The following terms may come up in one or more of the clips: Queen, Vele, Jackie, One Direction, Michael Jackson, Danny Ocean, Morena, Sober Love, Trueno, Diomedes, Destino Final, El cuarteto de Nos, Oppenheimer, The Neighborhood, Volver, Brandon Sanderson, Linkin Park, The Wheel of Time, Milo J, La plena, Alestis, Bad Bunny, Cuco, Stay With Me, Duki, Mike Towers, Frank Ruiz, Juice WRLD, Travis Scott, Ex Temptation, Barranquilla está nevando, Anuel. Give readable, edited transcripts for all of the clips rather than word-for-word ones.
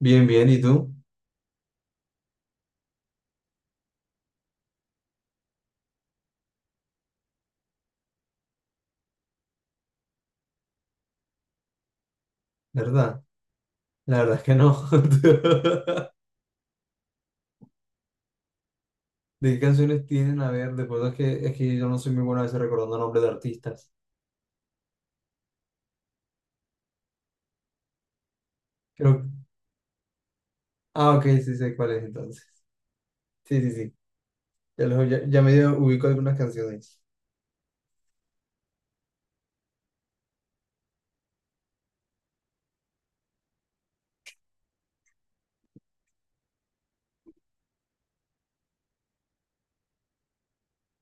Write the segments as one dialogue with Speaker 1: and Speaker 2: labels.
Speaker 1: Bien, bien, ¿y tú? ¿Verdad? La verdad es que no. ¿De qué canciones tienen? A ver, después es que yo no soy muy bueno a veces recordando nombres de artistas. Creo... Ah, ok, sí sé cuál es entonces. Sí, sí, sí. Ya, ya medio ubico algunas canciones.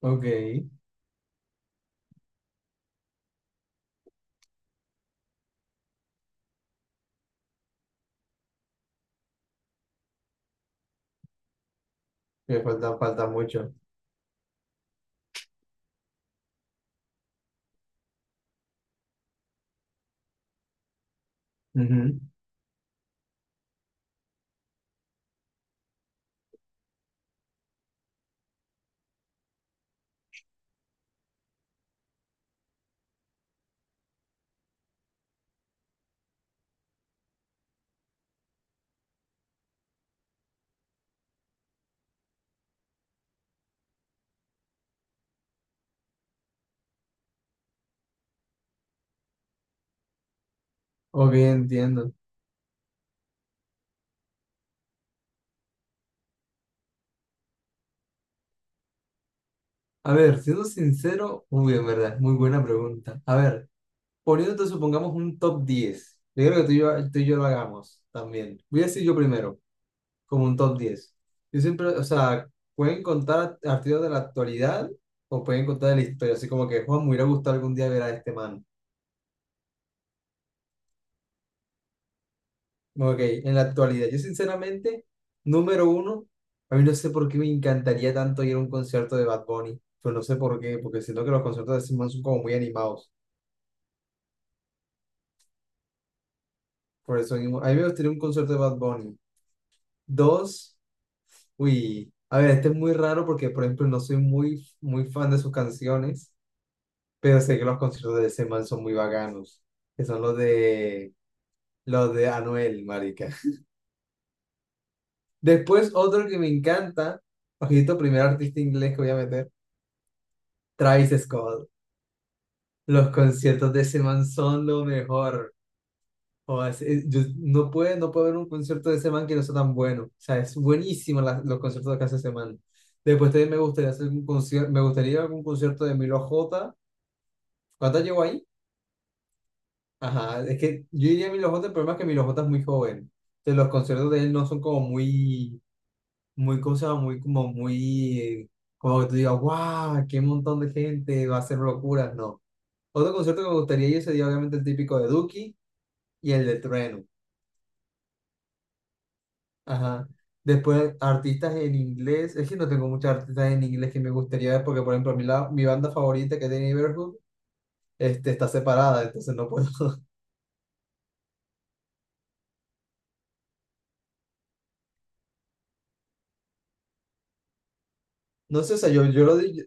Speaker 1: Ok, me falta, falta mucho. Ujú. Ok, entiendo. A ver, siendo sincero, uy, en verdad, es muy buena pregunta. A ver, poniéndote, supongamos, un top 10. Yo creo que tú y yo lo hagamos también. Voy a decir yo primero. Como un top 10. Yo siempre, o sea, pueden contar artistas de la actualidad o pueden contar de la historia, así como que Juan, me hubiera gustado algún día ver a este man. Ok, en la actualidad, yo sinceramente, número uno, a mí no sé por qué me encantaría tanto ir a un concierto de Bad Bunny, pero no sé por qué, porque siento que los conciertos de ese man son como muy animados. Por eso mismo, a mí me gustaría un concierto de Bad Bunny. Dos, uy, a ver, este es muy raro porque, por ejemplo, no soy muy, muy fan de sus canciones. Pero sé que los conciertos de ese man son muy bacanos. Que son los de Anuel, marica. Después otro que me encanta, ojito, primer artista inglés que voy a meter, Travis Scott. Los conciertos de ese man son lo mejor. O sea, yo no puedo ver un concierto de ese man que no sea tan bueno. O sea, es buenísimo los conciertos que hace ese man. Después también me gustaría hacer un concierto, me gustaría algún concierto de Milo J. ¿Cuánto llegó ahí? Ajá, es que yo diría a Milo J, el problema es que Milo J es muy joven. Entonces, los conciertos de él no son como muy, muy cosas, muy, como que tú digas, wow, qué montón de gente, va a ser locuras, no. Otro concierto que me gustaría ir sería obviamente el típico de Duki y el de Trueno. Ajá. Después, artistas en inglés, es que no tengo muchos artistas en inglés que me gustaría ver, porque por ejemplo, mi banda favorita que es The Neighborhood, este, está separada, entonces no puedo. No sé, o sea, yo lo digo.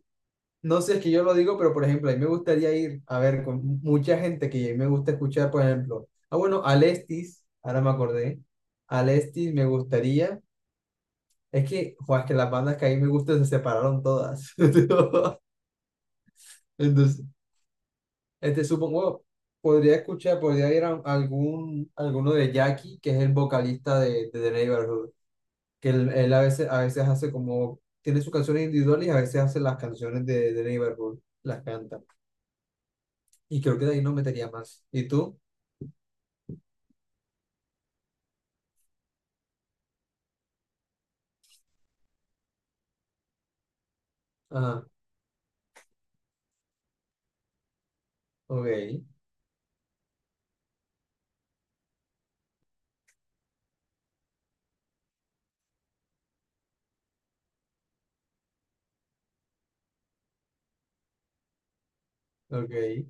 Speaker 1: No sé, es que yo lo digo, pero por ejemplo, a mí me gustaría ir a ver con mucha gente que me gusta escuchar, por ejemplo. Ah, bueno, Alestis, ahora me acordé. Alestis me gustaría. Es que, joder, es que las bandas que a mí me gustan se separaron todas. Entonces, este supongo, podría escuchar, podría ir a algún, alguno de Jackie, que es el vocalista de The Neighborhood, que él a veces hace como, tiene sus canciones individuales y a veces hace las canciones de The Neighborhood, las canta. Y creo que de ahí no metería más. ¿Y tú? Ah, ok, ok.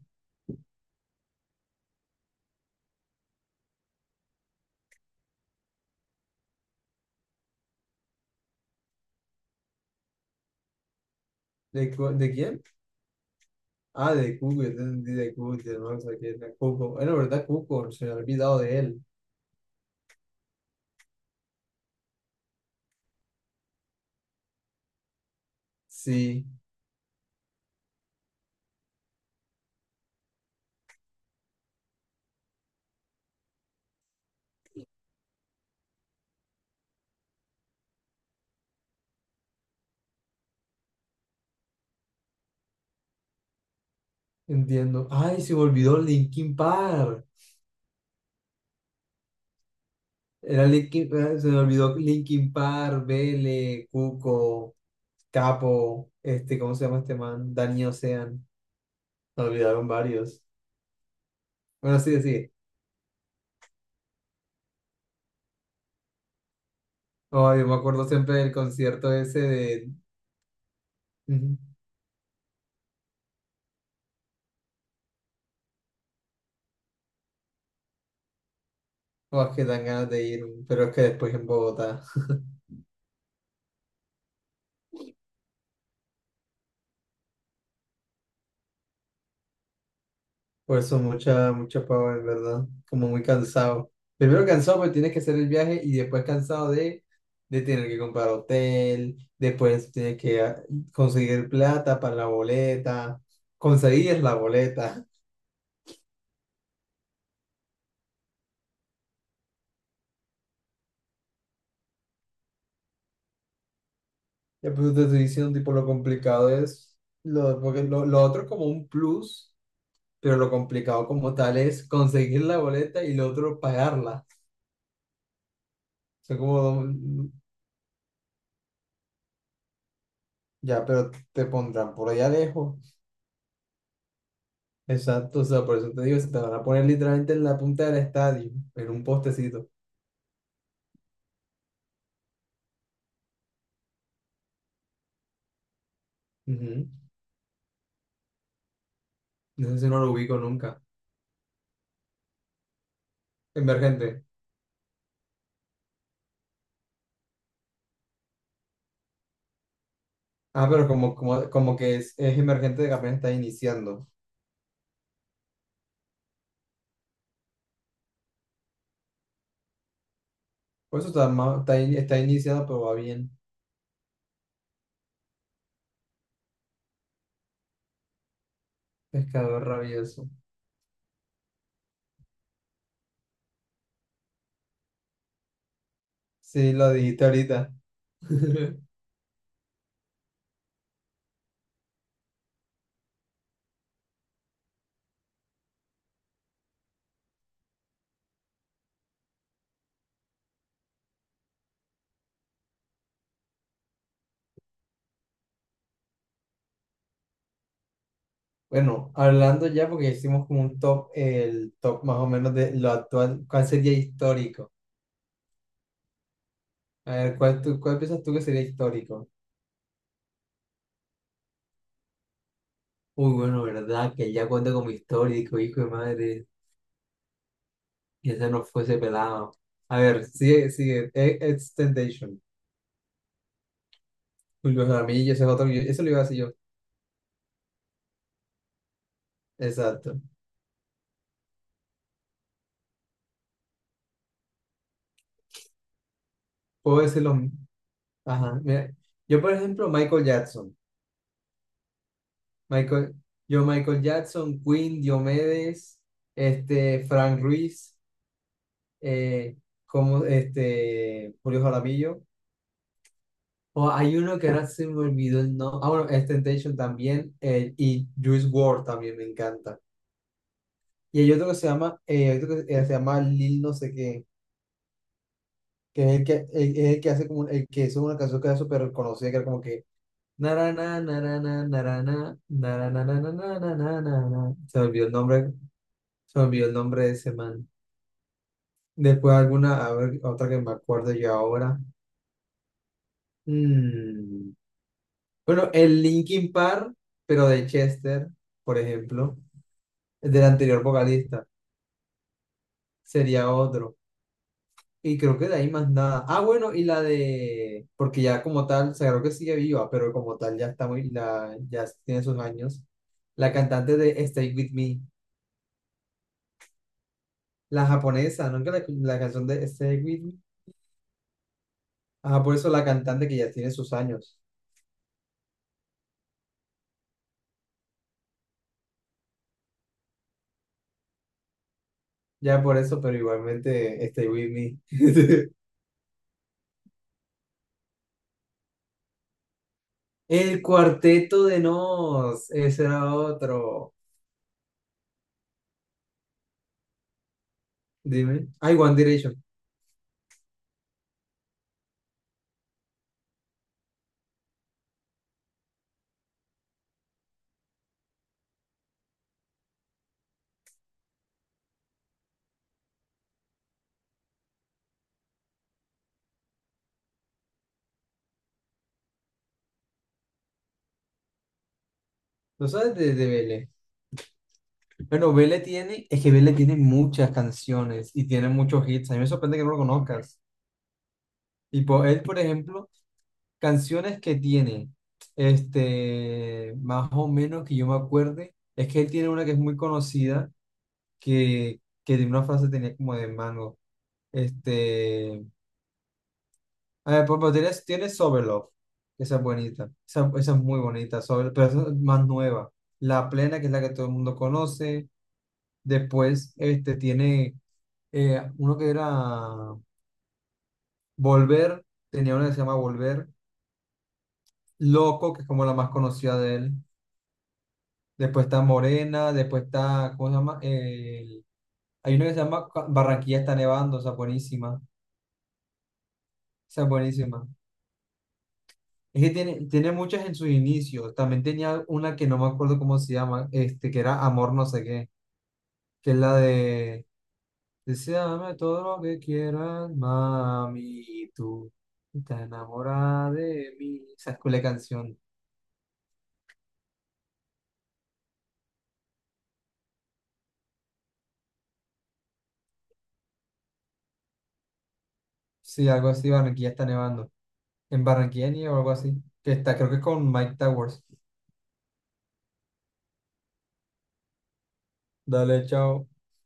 Speaker 1: ¿De quién? Ah, de Cuco, yo te entendí de Cuco, no sé qué, de Cuco. Bueno, ¿verdad, Cuco? Se me ha olvidado de él. Sí, entiendo. Ay, se me olvidó Linkin Park. Era Linkin, se me olvidó Linkin Park, Vele, Cuco, Capo, este, ¿cómo se llama este man? Danny Ocean. Me olvidaron varios. Bueno, sí, sí. Ay, yo me acuerdo siempre del concierto ese de... Ujú. O es que dan ganas de ir, pero es que después en Bogotá. Por eso mucha, mucha pava, en verdad. Como muy cansado. Primero cansado porque tienes que hacer el viaje y después cansado de tener que comprar hotel, después tienes que conseguir plata para la boleta, conseguir la boleta. Ya pues te estoy diciendo, tipo, lo complicado es, porque lo otro es como un plus, pero lo complicado como tal es conseguir la boleta y lo otro pagarla. Son como dos. Ya, pero te pondrán por allá lejos. Exacto, o sea, por eso te digo, se te van a poner literalmente en la punta del estadio, en un postecito. Ujú. No sé si no lo ubico nunca. Emergente. Ah, pero como que es emergente de que apenas está iniciando. Por eso está, ma- está, in- está iniciado, pero va bien. Pescador rabioso. Sí, lo dijiste ahorita. Bueno, hablando ya, porque hicimos como un top, el top más o menos de lo actual, ¿cuál sería histórico? A ver, ¿cuál, tú, cuál piensas tú que sería histórico? Uy, bueno, verdad, que ya cuenta como histórico, hijo de madre, y ese no fuese pelado. A ver, sigue, sigue, Ex Temptation. Julio Jaramillo, ese es otro, eso lo iba a decir yo. Exacto. Puedo decirlo, ajá, mira, yo por ejemplo, Michael, yo Michael Jackson, Queen, Diomedes, este, Frank Ruiz, eh, como, este, Julio Jaramillo, o hay uno que ahora se me olvidó el nombre, ah, bueno, Ex Temptation también, y Juice WRLD también me encanta. Y hay otro que se llama Lil no sé qué, que es el que hace como, el que hizo una canción que era súper reconocida, que era como que, narana, narana, narana, narana, narana, narana, narana. Se me olvidó el nombre de ese man. Después alguna, a ver, otra que me acuerdo yo ahora. Mm, Bueno, el Linkin Park, pero de Chester, por ejemplo, del anterior vocalista, sería otro. Y creo que de ahí más nada. Ah, bueno, y la de, porque ya como tal, se creo que sigue viva, pero como tal ya está muy, ya tiene sus años. La cantante de Stay With Me, la japonesa, ¿no? Que la canción de Stay With Me. Ajá, por eso la cantante que ya tiene sus años. Ya por eso, pero igualmente Stay With Me. El cuarteto de Nos, ese era otro. Dime. Ay, One Direction. ¿No sabes de BL? Bueno, es que Vele tiene muchas canciones y tiene muchos hits. A mí me sorprende que no lo conozcas. Y por él, por ejemplo, canciones que tiene, este, más o menos que yo me acuerde, es que él tiene una que es muy conocida, que tiene una frase tenía como de mango. Este, a ver, por ejemplo, tiene Sober Love, esa es bonita, esa es muy bonita, pero esa es más nueva. La plena, que es la que todo el mundo conoce. Después, este, tiene uno que era Volver, tenía una que se llama Volver, Loco, que es como la más conocida de él. Después está Morena, después está, ¿cómo se llama? Hay una que se llama Barranquilla está nevando, esa es buenísima, esa es buenísima. Es que tiene muchas en sus inicios. También tenía una que no me acuerdo cómo se llama, este, que era Amor no sé qué, que es la de Deseame todo lo que quieras, mami, tú estás enamorada de mí. Esa es la canción. Sí, algo así, Barranquilla está nevando. En Barranquilla nieva o algo así. Que está, creo que con Mike Towers. Dale, chao.